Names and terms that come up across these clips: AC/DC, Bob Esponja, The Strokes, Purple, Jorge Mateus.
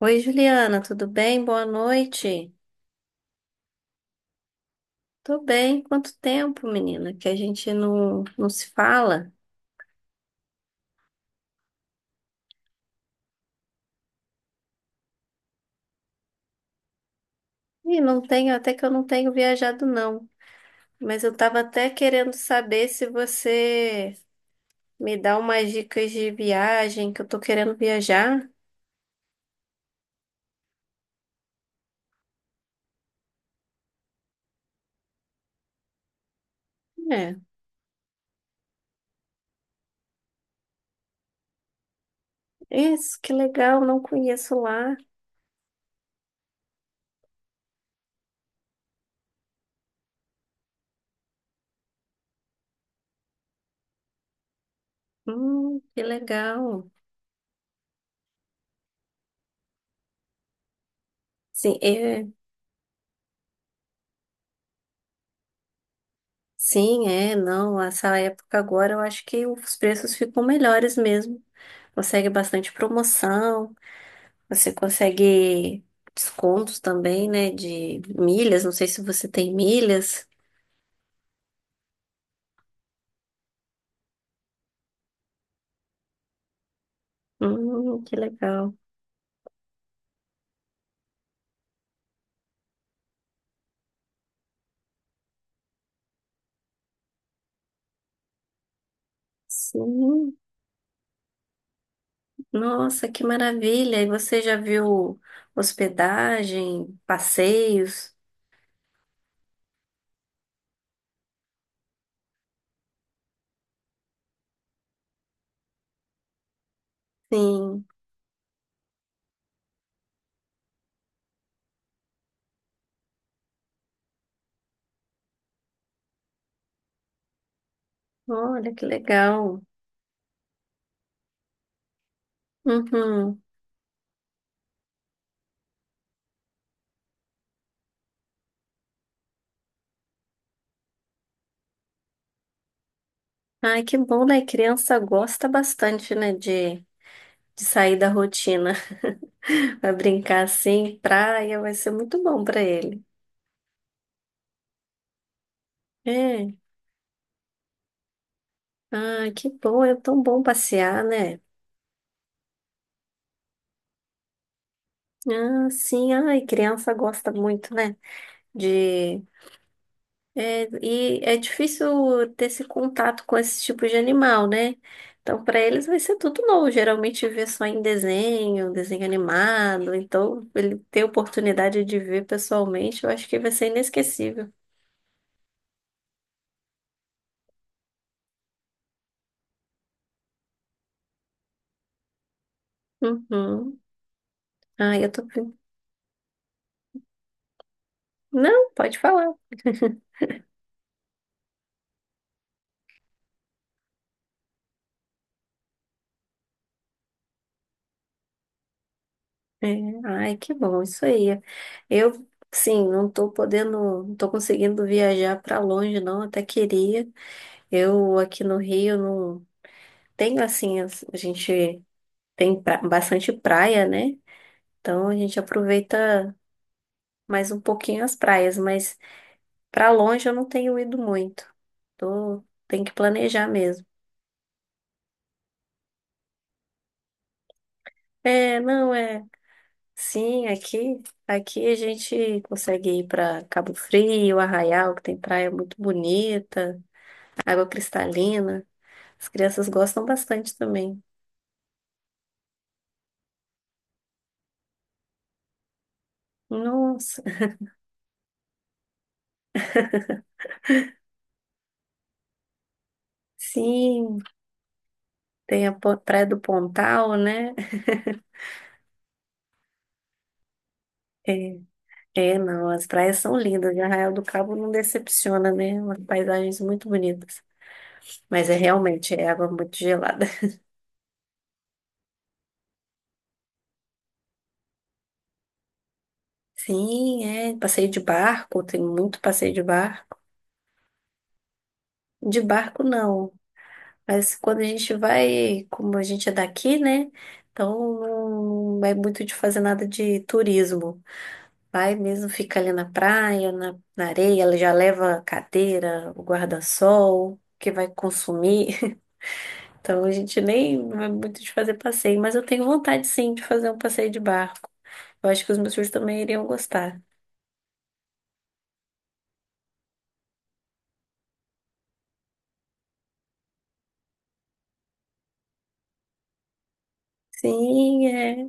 Oi, Juliana, tudo bem? Boa noite. Tô bem. Quanto tempo, menina, que a gente não se fala? E não tenho, até que eu não tenho viajado, não. Mas eu tava até querendo saber se você me dá umas dicas de viagem, que eu tô querendo viajar. É, isso, que legal, não conheço lá. Que legal. Sim, é, sim, é, não, essa época agora eu acho que os preços ficam melhores mesmo. Consegue bastante promoção. Você consegue descontos também, né? De milhas. Não sei se você tem milhas. Que legal. Sim. Nossa, que maravilha. E você já viu hospedagem, passeios? Sim. Olha, que legal. Uhum. Ai, que bom, né? Criança gosta bastante, né? De sair da rotina. Vai brincar assim, praia, vai ser muito bom para ele. É. Ah, que bom. É tão bom passear, né? Ah, sim, ai, criança gosta muito, né? De. É, e é difícil ter esse contato com esse tipo de animal, né? Então, para eles vai ser tudo novo. Geralmente vê só em desenho, desenho animado. Então, ele ter oportunidade de ver pessoalmente, eu acho que vai ser inesquecível. Uhum. Ai, eu tô. Não, pode falar. É, ai, que bom, isso aí. Eu, sim, não tô podendo, não tô conseguindo viajar para longe, não, até queria. Eu aqui no Rio não tenho assim, a gente tem bastante praia, né? Então a gente aproveita mais um pouquinho as praias, mas pra longe eu não tenho ido muito. Tô, tem que planejar mesmo. É, não é. Sim, aqui, aqui a gente consegue ir para Cabo Frio, Arraial, que tem praia muito bonita, água cristalina. As crianças gostam bastante também. Nossa, sim. Tem a Praia do Pontal, né? É, é, não, as praias são lindas. E Arraial do Cabo não decepciona, né? Umas paisagens muito bonitas. Mas é realmente, é água muito gelada. Sim, é. Passeio de barco, tem muito passeio de barco. De barco, não. Mas quando a gente vai, como a gente é daqui, né? Então não é muito de fazer nada de turismo. Vai mesmo, fica ali na praia, na areia, ela já leva a cadeira, o guarda-sol, que vai consumir. Então a gente nem vai muito de fazer passeio, mas eu tenho vontade sim de fazer um passeio de barco. Eu acho que os meus filhos também iriam gostar. Sim, é.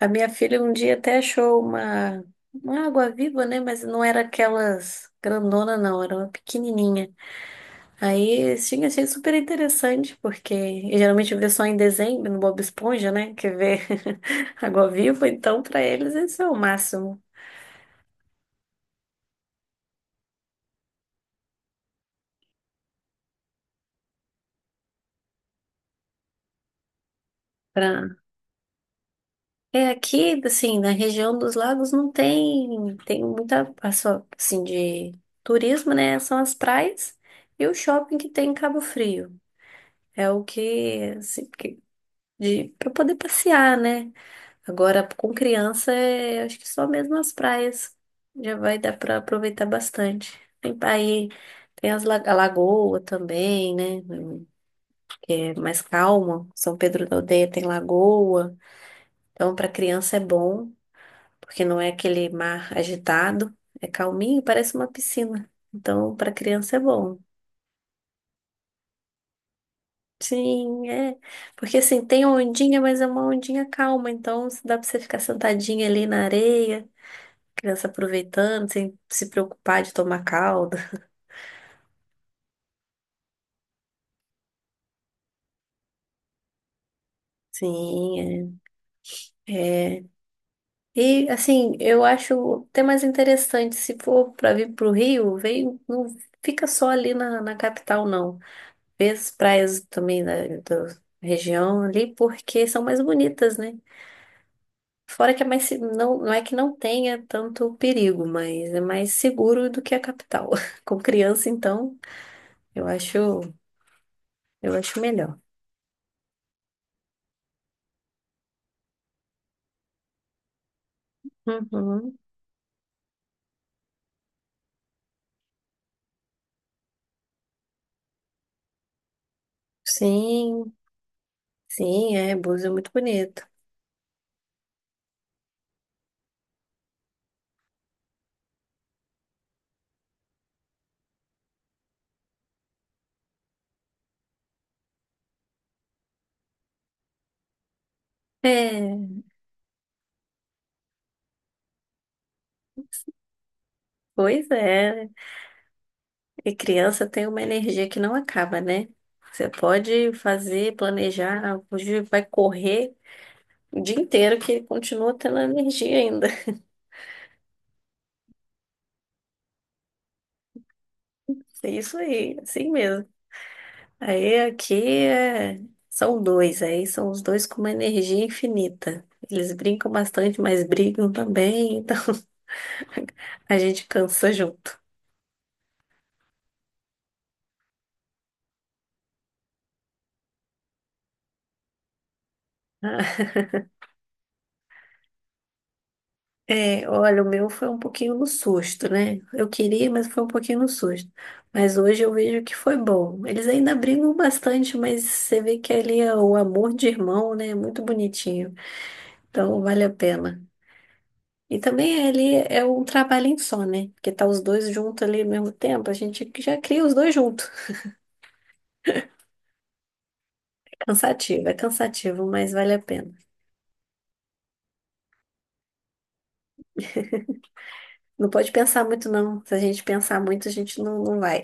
A minha filha um dia até achou uma água-viva, né? Mas não era aquelas grandona, não, era uma pequenininha. Aí, assim, achei super interessante, porque eu geralmente vê só em dezembro no Bob Esponja, né? Que vê água-viva, então para eles esse é o máximo. Pra... É aqui, assim, na região dos lagos não tem, tem muita, a só, assim, de turismo, né? São as praias e o shopping que tem em Cabo Frio. É o que, assim, que de, para poder passear, né? Agora, com criança, é, acho que só mesmo as praias já vai dar para aproveitar bastante. Tem aí, tem a lagoa também, né? Que é mais calma. São Pedro da Aldeia tem lagoa. Então, para criança é bom, porque não é aquele mar agitado, é calminho, parece uma piscina. Então, para criança é bom. Sim, é. Porque assim, tem ondinha, mas é uma ondinha calma, então dá para você ficar sentadinha ali na areia. Criança aproveitando, sem se preocupar de tomar calda. Sim, é. É. E, assim, eu acho até mais interessante, se for para vir para o Rio, vem, não fica só ali na capital, não. Vê as praias também da região ali, porque são mais bonitas, né? Fora que é mais, não, não é que não tenha tanto perigo, mas é mais seguro do que a capital. Com criança, então, eu acho, eu acho melhor. Uhum. Sim. Sim, é, Búzios é muito bonito. É, pois é. E criança tem uma energia que não acaba, né? Você pode fazer, planejar, hoje vai correr o dia inteiro que continua tendo energia ainda. É isso aí, assim mesmo. Aí aqui é... são dois, aí são os dois com uma energia infinita. Eles brincam bastante, mas brigam também, então a gente cansa junto. Ah, é, olha, o meu foi um pouquinho no susto, né? Eu queria, mas foi um pouquinho no susto. Mas hoje eu vejo que foi bom. Eles ainda brigam bastante, mas você vê que ali é o amor de irmão, né? É muito bonitinho. Então vale a pena. E também ali é um trabalhinho só, né? Porque tá os dois juntos ali ao mesmo tempo, a gente já cria os dois juntos. Cansativo, é cansativo, mas vale a pena. Não pode pensar muito, não. Se a gente pensar muito, a gente não vai.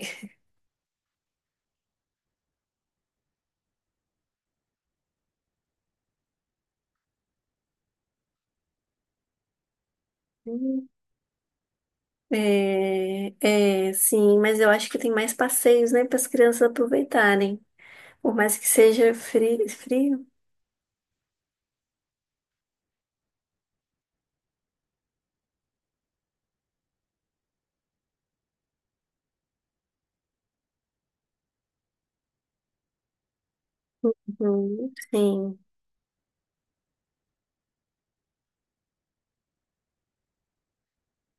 É, é, sim, mas eu acho que tem mais passeios, né, para as crianças aproveitarem. Por mais que seja frio, frio. Uhum, sim,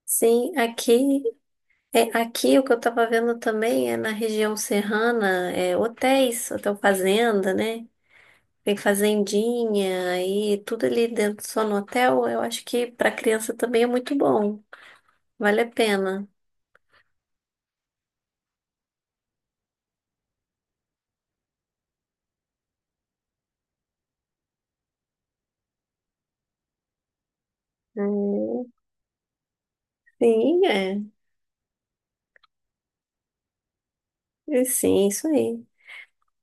sim. Aqui, é, aqui o que eu estava vendo também é na região serrana, é, hotéis, hotel fazenda, né? Tem fazendinha aí tudo ali dentro só no hotel. Eu acho que para criança também é muito bom. Vale a pena. Hum, sim, é. E sim, isso aí.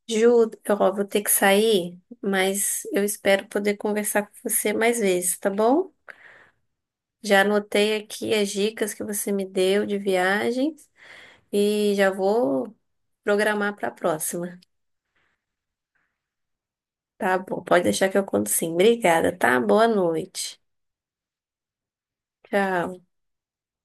Ju, ó, vou ter que sair, mas eu espero poder conversar com você mais vezes, tá bom? Já anotei aqui as dicas que você me deu de viagem e já vou programar para a próxima. Tá bom, pode deixar que eu conto sim. Obrigada, tá? Boa noite. Tchau.